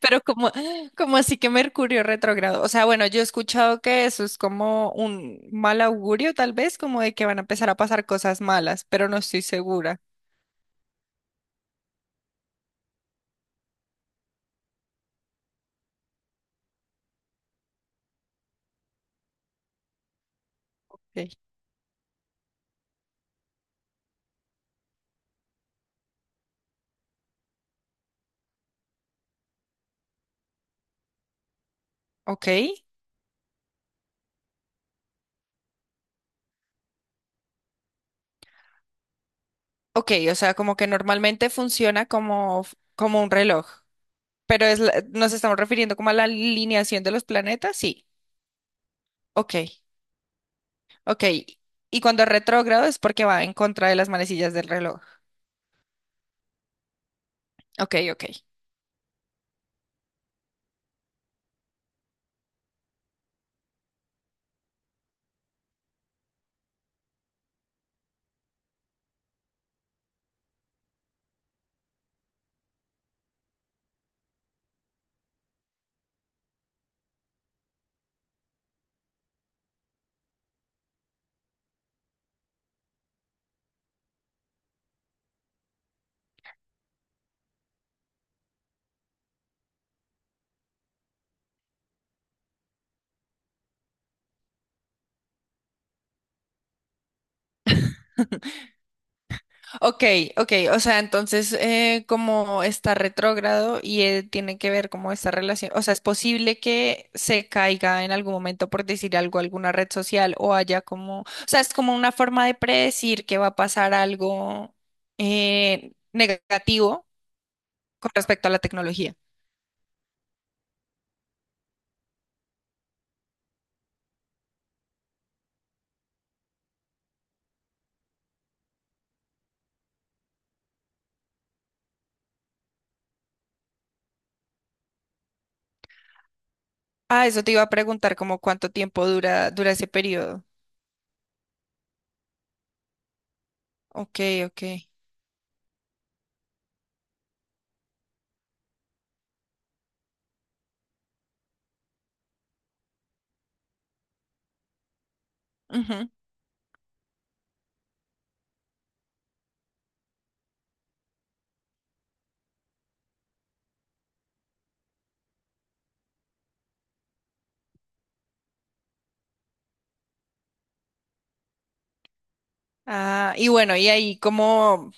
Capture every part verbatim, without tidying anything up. Pero como, como así que Mercurio retrógrado. O sea, bueno, yo he escuchado que eso es como un mal augurio, tal vez, como de que van a empezar a pasar cosas malas, pero no estoy segura. Ok. Ok, ok, o sea, como que normalmente funciona como, f- como un reloj, pero es la- nos estamos refiriendo como a la alineación de los planetas, sí. Ok, ok. Y cuando es retrógrado es porque va en contra de las manecillas del reloj. Ok, ok. Ok, ok, o sea, entonces eh, como está retrógrado y eh, tiene que ver como esta relación, o sea, es posible que se caiga en algún momento por decir algo alguna red social o haya como, o sea, es como una forma de predecir que va a pasar algo eh, negativo con respecto a la tecnología. Ah, eso te iba a preguntar como cuánto tiempo dura, dura ese periodo. Ok, ok. Ujú. Ah, y bueno, y ahí como.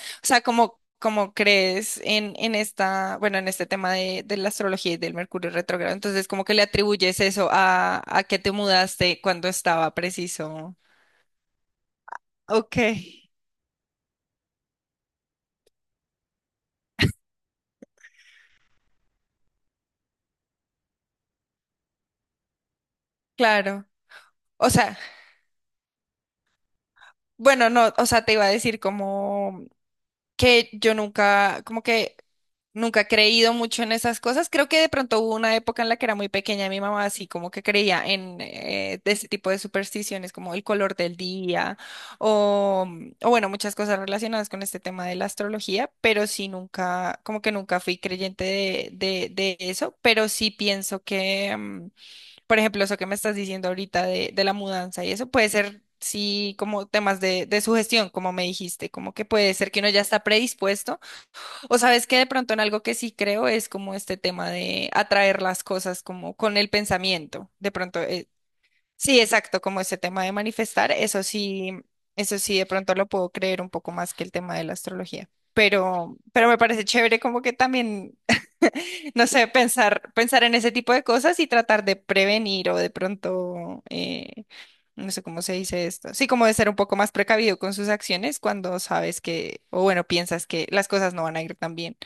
O sea, ¿cómo, cómo crees en en esta, bueno, en este tema de de la astrología y del Mercurio retrógrado? Entonces, ¿cómo que le atribuyes eso a, a que te mudaste cuando estaba preciso? Ok, claro. O sea, bueno, no, o sea, te iba a decir como que yo nunca, como que nunca he creído mucho en esas cosas. Creo que de pronto hubo una época en la que era muy pequeña, mi mamá así como que creía en eh, de ese tipo de supersticiones como el color del día o, o bueno, muchas cosas relacionadas con este tema de la astrología, pero sí nunca, como que nunca fui creyente de, de, de eso, pero sí pienso que... mm, por ejemplo, eso que me estás diciendo ahorita de, de la mudanza y eso puede ser, sí, como temas de, de sugestión, como me dijiste, como que puede ser que uno ya está predispuesto, o sabes que de pronto en algo que sí creo es como este tema de atraer las cosas como con el pensamiento, de pronto eh, Sí, exacto, como ese tema de manifestar, eso sí, eso sí, de pronto lo puedo creer un poco más que el tema de la astrología. Pero, pero me parece chévere como que también, no sé, pensar, pensar en ese tipo de cosas y tratar de prevenir o de pronto, eh, no sé cómo se dice esto, sí, como de ser un poco más precavido con sus acciones cuando sabes que, o bueno, piensas que las cosas no van a ir tan bien.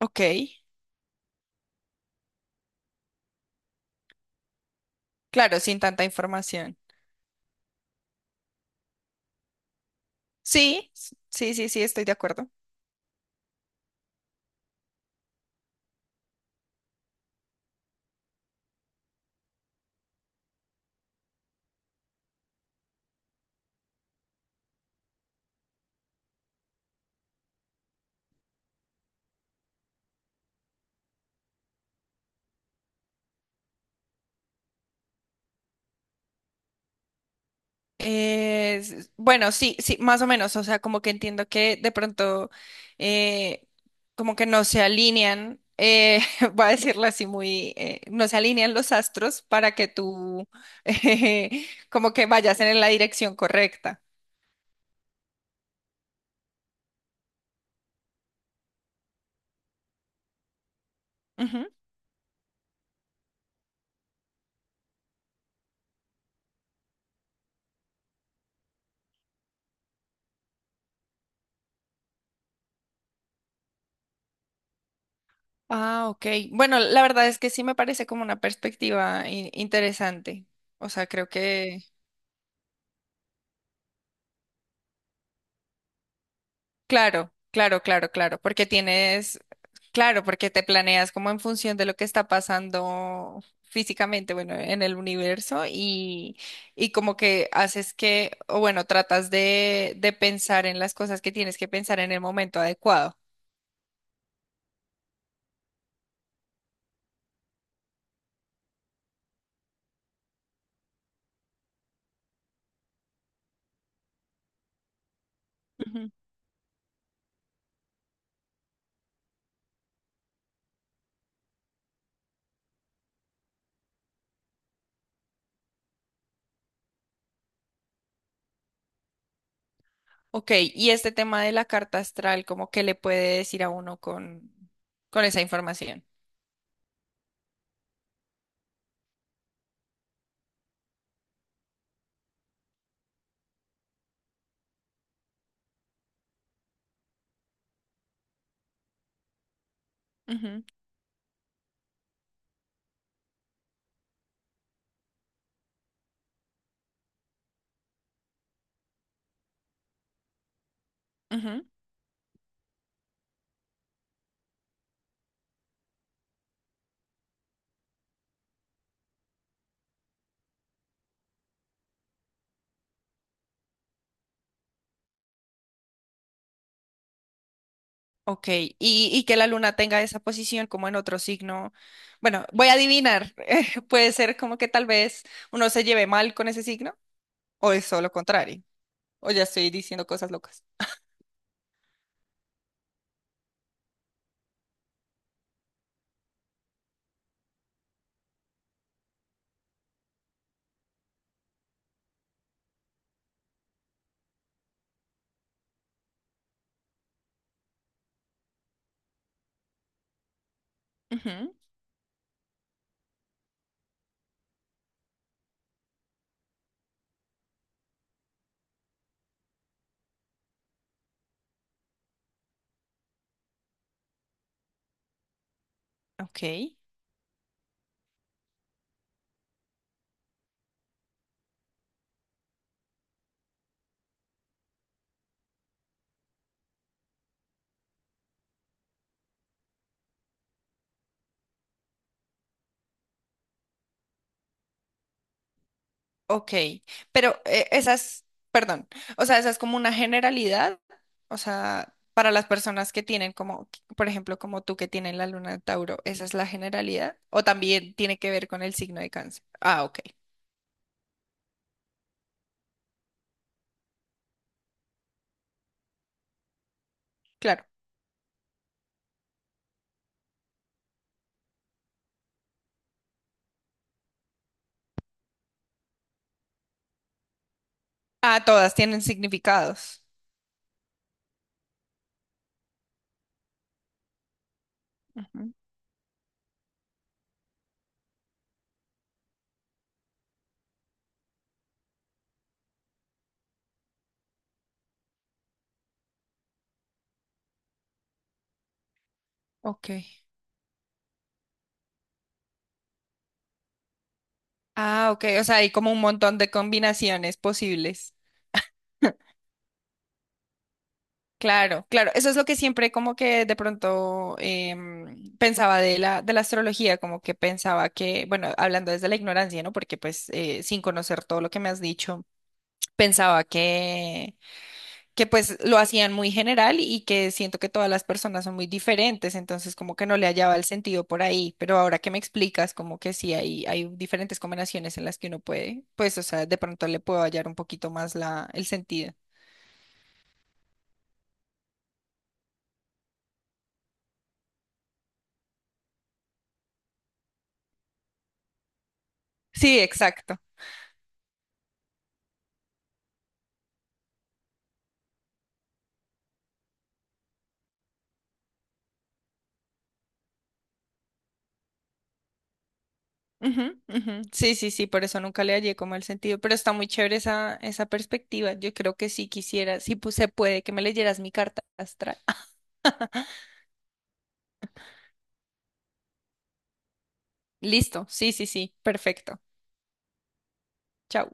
Ok, claro, sin tanta información. Sí, sí, sí, sí, estoy de acuerdo. Eh, s- bueno, sí, sí, más o menos, o sea, como que entiendo que de pronto eh, como que no se alinean, eh, voy a decirlo así muy, eh, no se alinean los astros para que tú eh, como que vayas en la dirección correcta. Ujú. Ah, ok. Bueno, la verdad es que sí me parece como una perspectiva in- interesante. O sea, creo que. Claro, claro, claro, claro, porque tienes, claro, porque te planeas como en función de lo que está pasando físicamente, bueno, en el universo y, y como que haces que, o bueno, tratas de, de pensar en las cosas que tienes que pensar en el momento adecuado. Ujú. Ok, y este tema de la carta astral, ¿como que le puede decir a uno con con esa información? Ujú, ujú. Ok, y, y que la luna tenga esa posición como en otro signo. Bueno, voy a adivinar. eh, Puede ser como que tal vez uno se lleve mal con ese signo, o es solo contrario, o ya estoy diciendo cosas locas. Ujú. Ok, ok. Pero eh, esas, perdón, o sea, esa es como una generalidad, o sea, para las personas que tienen como, por ejemplo, como tú que tienen la luna de Tauro, ¿esa es la generalidad? ¿O también tiene que ver con el signo de cáncer? Ah, ok, claro. Ah, todas tienen significados. Ujú. Ok. Ah, ok. O sea, hay como un montón de combinaciones posibles. Claro, claro. Eso es lo que siempre como que de pronto em, pensaba de la, de la astrología, como que pensaba que, bueno, hablando desde la ignorancia, ¿no? Porque pues eh, sin conocer todo lo que me has dicho, pensaba que que pues lo hacían muy general y que siento que todas las personas son muy diferentes, entonces como que no le hallaba el sentido por ahí, pero ahora que me explicas como que sí hay, hay diferentes combinaciones en las que uno puede, pues o sea, de pronto le puedo hallar un poquito más la, el sentido. Sí, exacto. Ujú, ujú. Sí, sí, sí, por eso nunca le hallé como el sentido, pero está muy chévere esa, esa perspectiva. Yo creo que sí quisiera, sí pues, se puede que me leyeras mi carta astral. Listo, sí, sí, sí, perfecto. Chao.